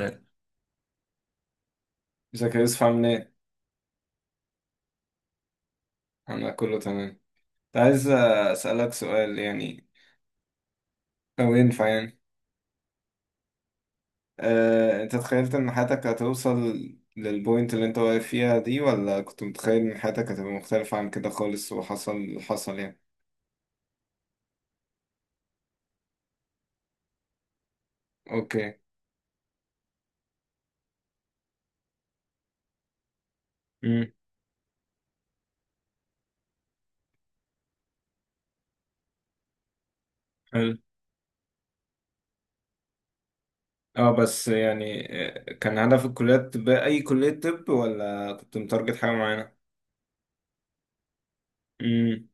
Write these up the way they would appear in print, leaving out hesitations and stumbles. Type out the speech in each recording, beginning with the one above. ازيك يا يوسف، عامل ايه؟ انا كله تمام. كنت عايز اسألك سؤال يعني، لو ينفع يعني. انت تخيلت ان حياتك هتوصل للبوينت اللي انت واقف فيها دي، ولا كنت متخيل ان حياتك هتبقى مختلفة عن كده خالص وحصل اللي حصل يعني؟ اوكي. امم. حلو. اه بس يعني، كان هدفك كلية طب؟ اي كلية طب؟ ولا كنت متارجت حاجة معينة؟ امم.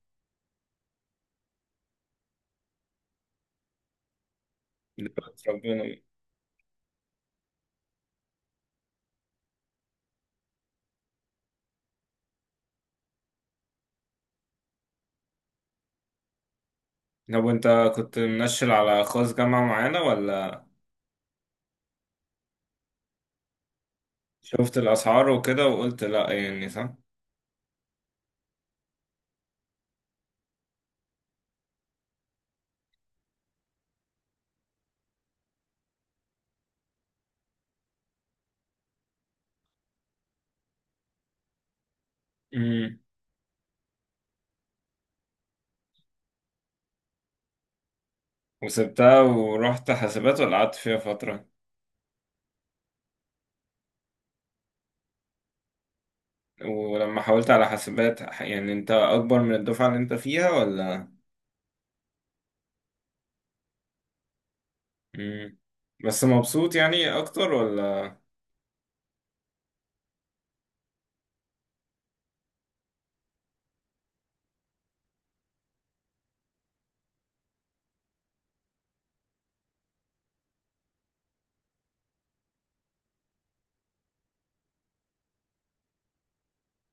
ربنا. طب وانت كنت منشل على خاص جامعة معينة ولا؟ شفت الأسعار وكده وقلت لأ، يعني صح. امم. وسبتها ورحت حاسبات وقعدت فيها فترة. ولما حاولت على حاسبات، يعني أنت أكبر من الدفعة اللي أنت فيها ولا؟ امم. بس مبسوط يعني أكتر ولا؟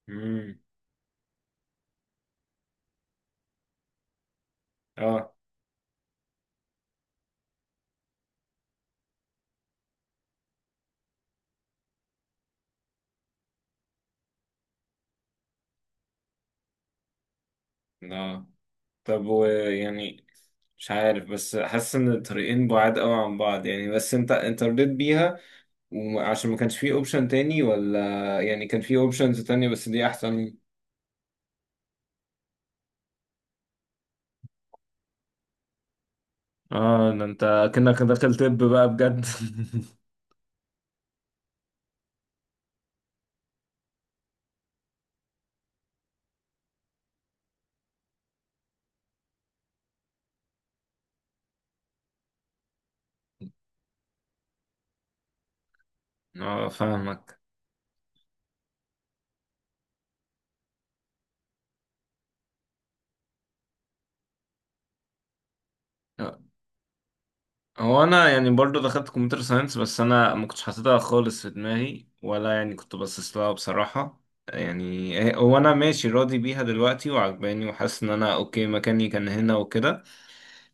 امم. آه. لا. طب ويعني مش عارف، بس حاسس إن الطريقين بعاد أوي عن بعض يعني. بس أنت، أنت رضيت بيها وعشان ما كانش فيه أوبشن تاني، ولا يعني كان فيه أوبشنز تانية بس دي أحسن؟ اه ده انت كأنك داخل طب بقى بجد. اه فاهمك. آه، هو انا يعني برضو دخلت كمبيوتر ساينس، بس انا ما كنتش حاططها خالص في دماغي ولا، يعني كنت باصص لها بصراحة. يعني هو انا ماشي راضي بيها دلوقتي وعجباني، وحاسس ان انا اوكي، مكاني كان هنا وكده.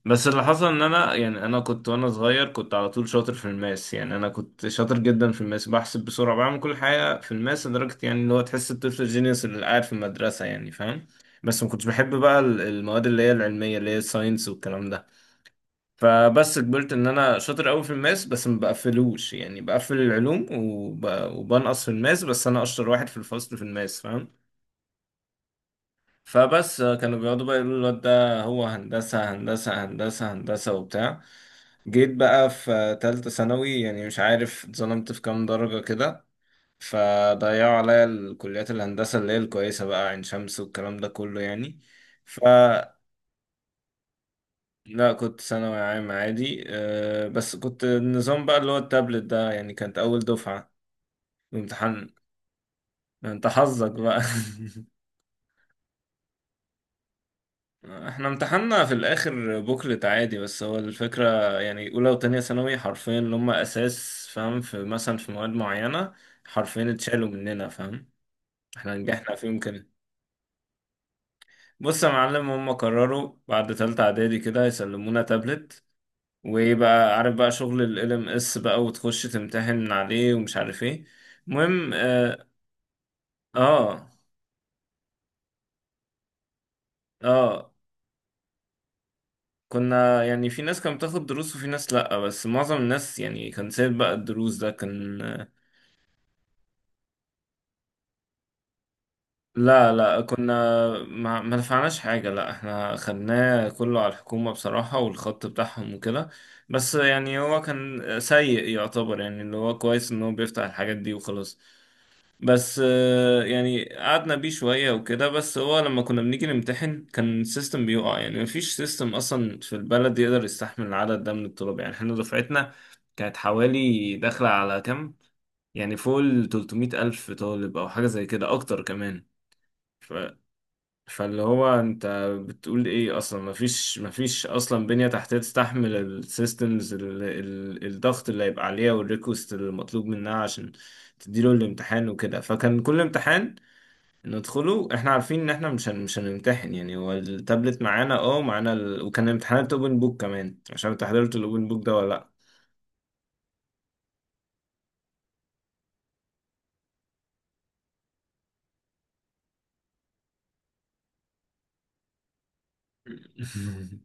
بس اللي حصل ان انا، يعني انا كنت، وانا صغير كنت على طول شاطر في الماس. يعني انا كنت شاطر جدا في الماس، بحسب بسرعه، بعمل كل حاجه في الماس، لدرجه يعني اللي هو تحس الطفل الجينيوس اللي قاعد في المدرسه، يعني فاهم. بس ما كنتش بحب بقى المواد اللي هي العلميه، اللي هي الساينس والكلام ده. فبس كبرت، ان انا شاطر قوي في الماس بس ما بقفلوش، يعني بقفل العلوم وبنقص في الماس، بس انا اشطر واحد في الفصل في الماس، فاهم. فبس كانوا بيقعدوا بقى يقولوا الواد ده هو هندسه هندسه هندسه هندسه وبتاع. جيت بقى في تالتة ثانوي، يعني مش عارف اتظلمت في كام درجة كده، فضيعوا عليا الكليات الهندسة اللي هي الكويسة بقى، عين شمس والكلام ده كله يعني. ف لا، كنت ثانوي عام عادي، أه، بس كنت النظام بقى اللي هو التابلت ده يعني، كانت أول دفعة امتحان. انت حظك بقى. احنا امتحاننا في الآخر بوكلت عادي، بس هو الفكرة يعني أولى وتانية ثانوي حرفيا اللي هم أساس، فاهم، في مثلا في مواد معينة حرفيا اتشالوا مننا، فاهم. احنا نجحنا فيهم كده. بص يا معلم، هم قرروا بعد تالتة اعدادي كده يسلمونا تابلت، وايه بقى، عارف بقى شغل ال LMS بقى، وتخش تمتحن من عليه ومش عارف ايه. المهم. اه. اه، آه، كنا يعني في ناس كانت بتاخد دروس وفي ناس لأ، بس معظم الناس يعني كان سايب بقى الدروس، ده كان. لا لا، كنا ما دفعناش حاجة، لا، احنا خدناه كله على الحكومة بصراحة، والخط بتاعهم وكده. بس يعني هو كان سيء يعتبر، يعني اللي هو كويس ان هو بيفتح الحاجات دي وخلاص. بس يعني قعدنا بيه شوية وكده، بس هو لما كنا بنيجي نمتحن كان السيستم بيقع. يعني مفيش سيستم اصلا في البلد يقدر يستحمل العدد ده من الطلاب. يعني احنا دفعتنا كانت حوالي داخلة على كام، يعني فوق ال 300 ألف طالب أو حاجة زي كده أكتر كمان. فاللي هو انت بتقول ايه، اصلا مفيش، اصلا بنية تحتية تستحمل السيستمز، الضغط اللي هيبقى عليها والريكوست المطلوب منها عشان تديله الامتحان وكده. فكان كل امتحان ندخله احنا عارفين ان احنا مش هنمتحن يعني. هو التابلت معانا، اه، معانا وكان امتحانات اوبن بوك كمان. مش عارف انت حضرت الاوبن بوك ده ولا؟ لا.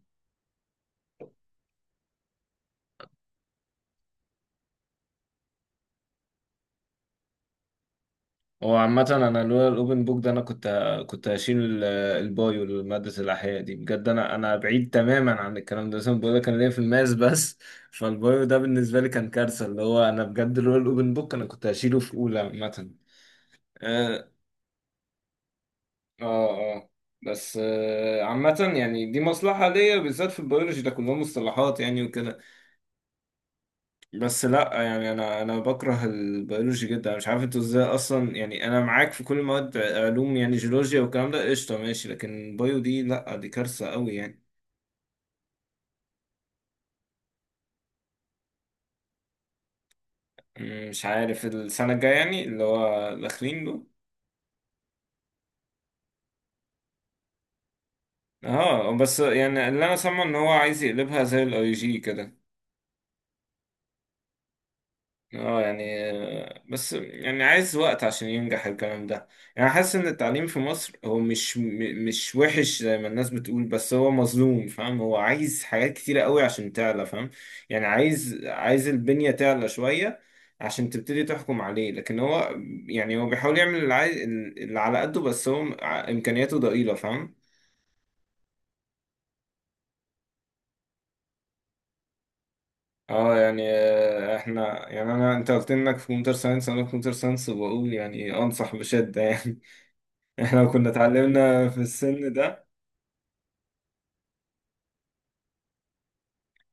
هو عامة أنا لولا الأوبن بوك ده، أنا كنت هشيل البايو، مادة الأحياء دي، بجد. أنا بعيد تماما عن الكلام ده أصلا، بقول لك أنا ليا في الماس بس، فالبايو ده بالنسبة لي كان كارثة، اللي هو أنا بجد لولا الأوبن بوك أنا كنت هشيله في أولى عامة. آه. آه. آه. بس آه، عامة يعني دي مصلحة ليا، بالذات في البيولوجي ده كلهم مصطلحات يعني وكده. بس لا، يعني انا، بكره البيولوجي جدا. انا مش عارف انتوا ازاي اصلا. يعني انا معاك في كل المواد علوم، يعني جيولوجيا والكلام ده قشطه ماشي، لكن بايو دي لا، دي كارثه قوي يعني. مش عارف السنه الجايه، يعني اللي هو داخلين له. اه بس يعني اللي انا سامعه ان هو عايز يقلبها زي الاي جي كده. اه يعني، بس يعني عايز وقت عشان ينجح الكلام ده. يعني حاسس ان التعليم في مصر هو مش وحش زي ما الناس بتقول، بس هو مظلوم، فاهم، هو عايز حاجات كتيرة قوي عشان تعلى، فاهم. يعني عايز، عايز البنية تعلى شوية عشان تبتدي تحكم عليه. لكن هو، يعني هو بيحاول يعمل اللي عايز، اللي على قده، بس هو امكانياته ضئيلة، فاهم. اه يعني، احنا يعني انا، انت قلت انك في كمبيوتر ساينس، انا في كمبيوتر ساينس، وبقول يعني انصح بشدة. يعني احنا كنا اتعلمنا في السن ده.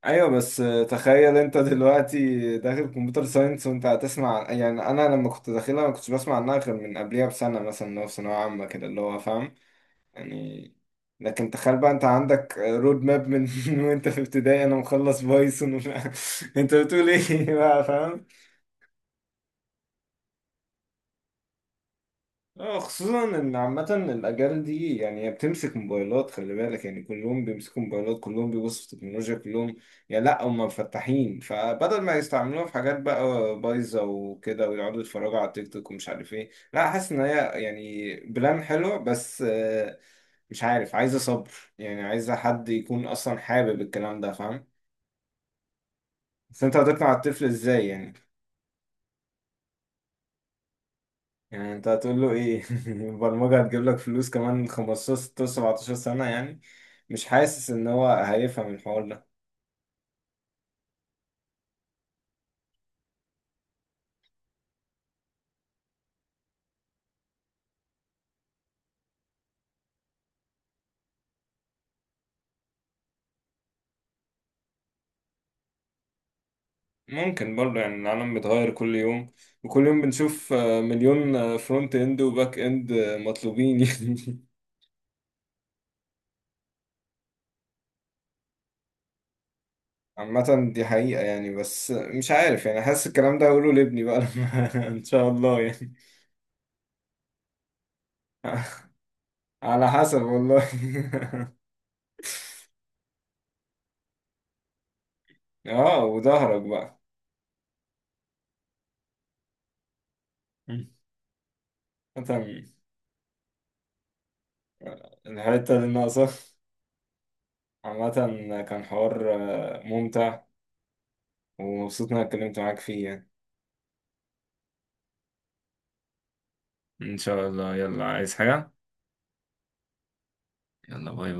ايوه، بس تخيل انت دلوقتي داخل كمبيوتر ساينس وانت هتسمع، يعني انا لما كنت داخلها ما كنتش بسمع عنها غير من قبلها بسنه مثلا، اللي هو في ثانويه عامه كده، اللي هو فاهم يعني. لكن تخيل بقى انت عندك رود ماب من، وانت في ابتدائي، انا مخلص بايثون ومش عارف- انت بتقول ايه بقى، فاهم. اه، خصوصا ان عامة الاجيال دي، يعني هي بتمسك موبايلات، خلي بالك، يعني كلهم بيمسكوا موبايلات، كلهم بيبصوا في التكنولوجيا، كلهم يعني لا هم مفتحين. فبدل ما يستعملوها في حاجات بقى بايظة وكده ويقعدوا يتفرجوا على التيك توك ومش عارف ايه، لا، حاسس ان هي يعني بلان حلوة، بس مش عارف، عايزة صبر. يعني عايزة حد يكون اصلا حابب الكلام ده، فاهم. بس انت هتقنع الطفل ازاي يعني؟ يعني انت هتقول له ايه؟ البرمجة هتجيب لك فلوس كمان 15 16 17 سنة يعني؟ مش حاسس ان هو هيفهم الحوار ده. ممكن برضه، يعني العالم بيتغير كل يوم، وكل يوم بنشوف مليون، فرونت اند وباك اند، مطلوبين يعني. عامة دي حقيقة يعني، بس مش عارف، يعني حاسس الكلام ده هقوله لابني بقى لما، ان شاء الله يعني. على حسب والله. اه، وظهرك بقى. مثلا الحتة اللي ناقصة. عامة كان حوار ممتع، ومبسوط إن أنا اتكلمت معاك فيه يعني. إن شاء الله. يلا، عايز حاجة؟ يلا، باي باي.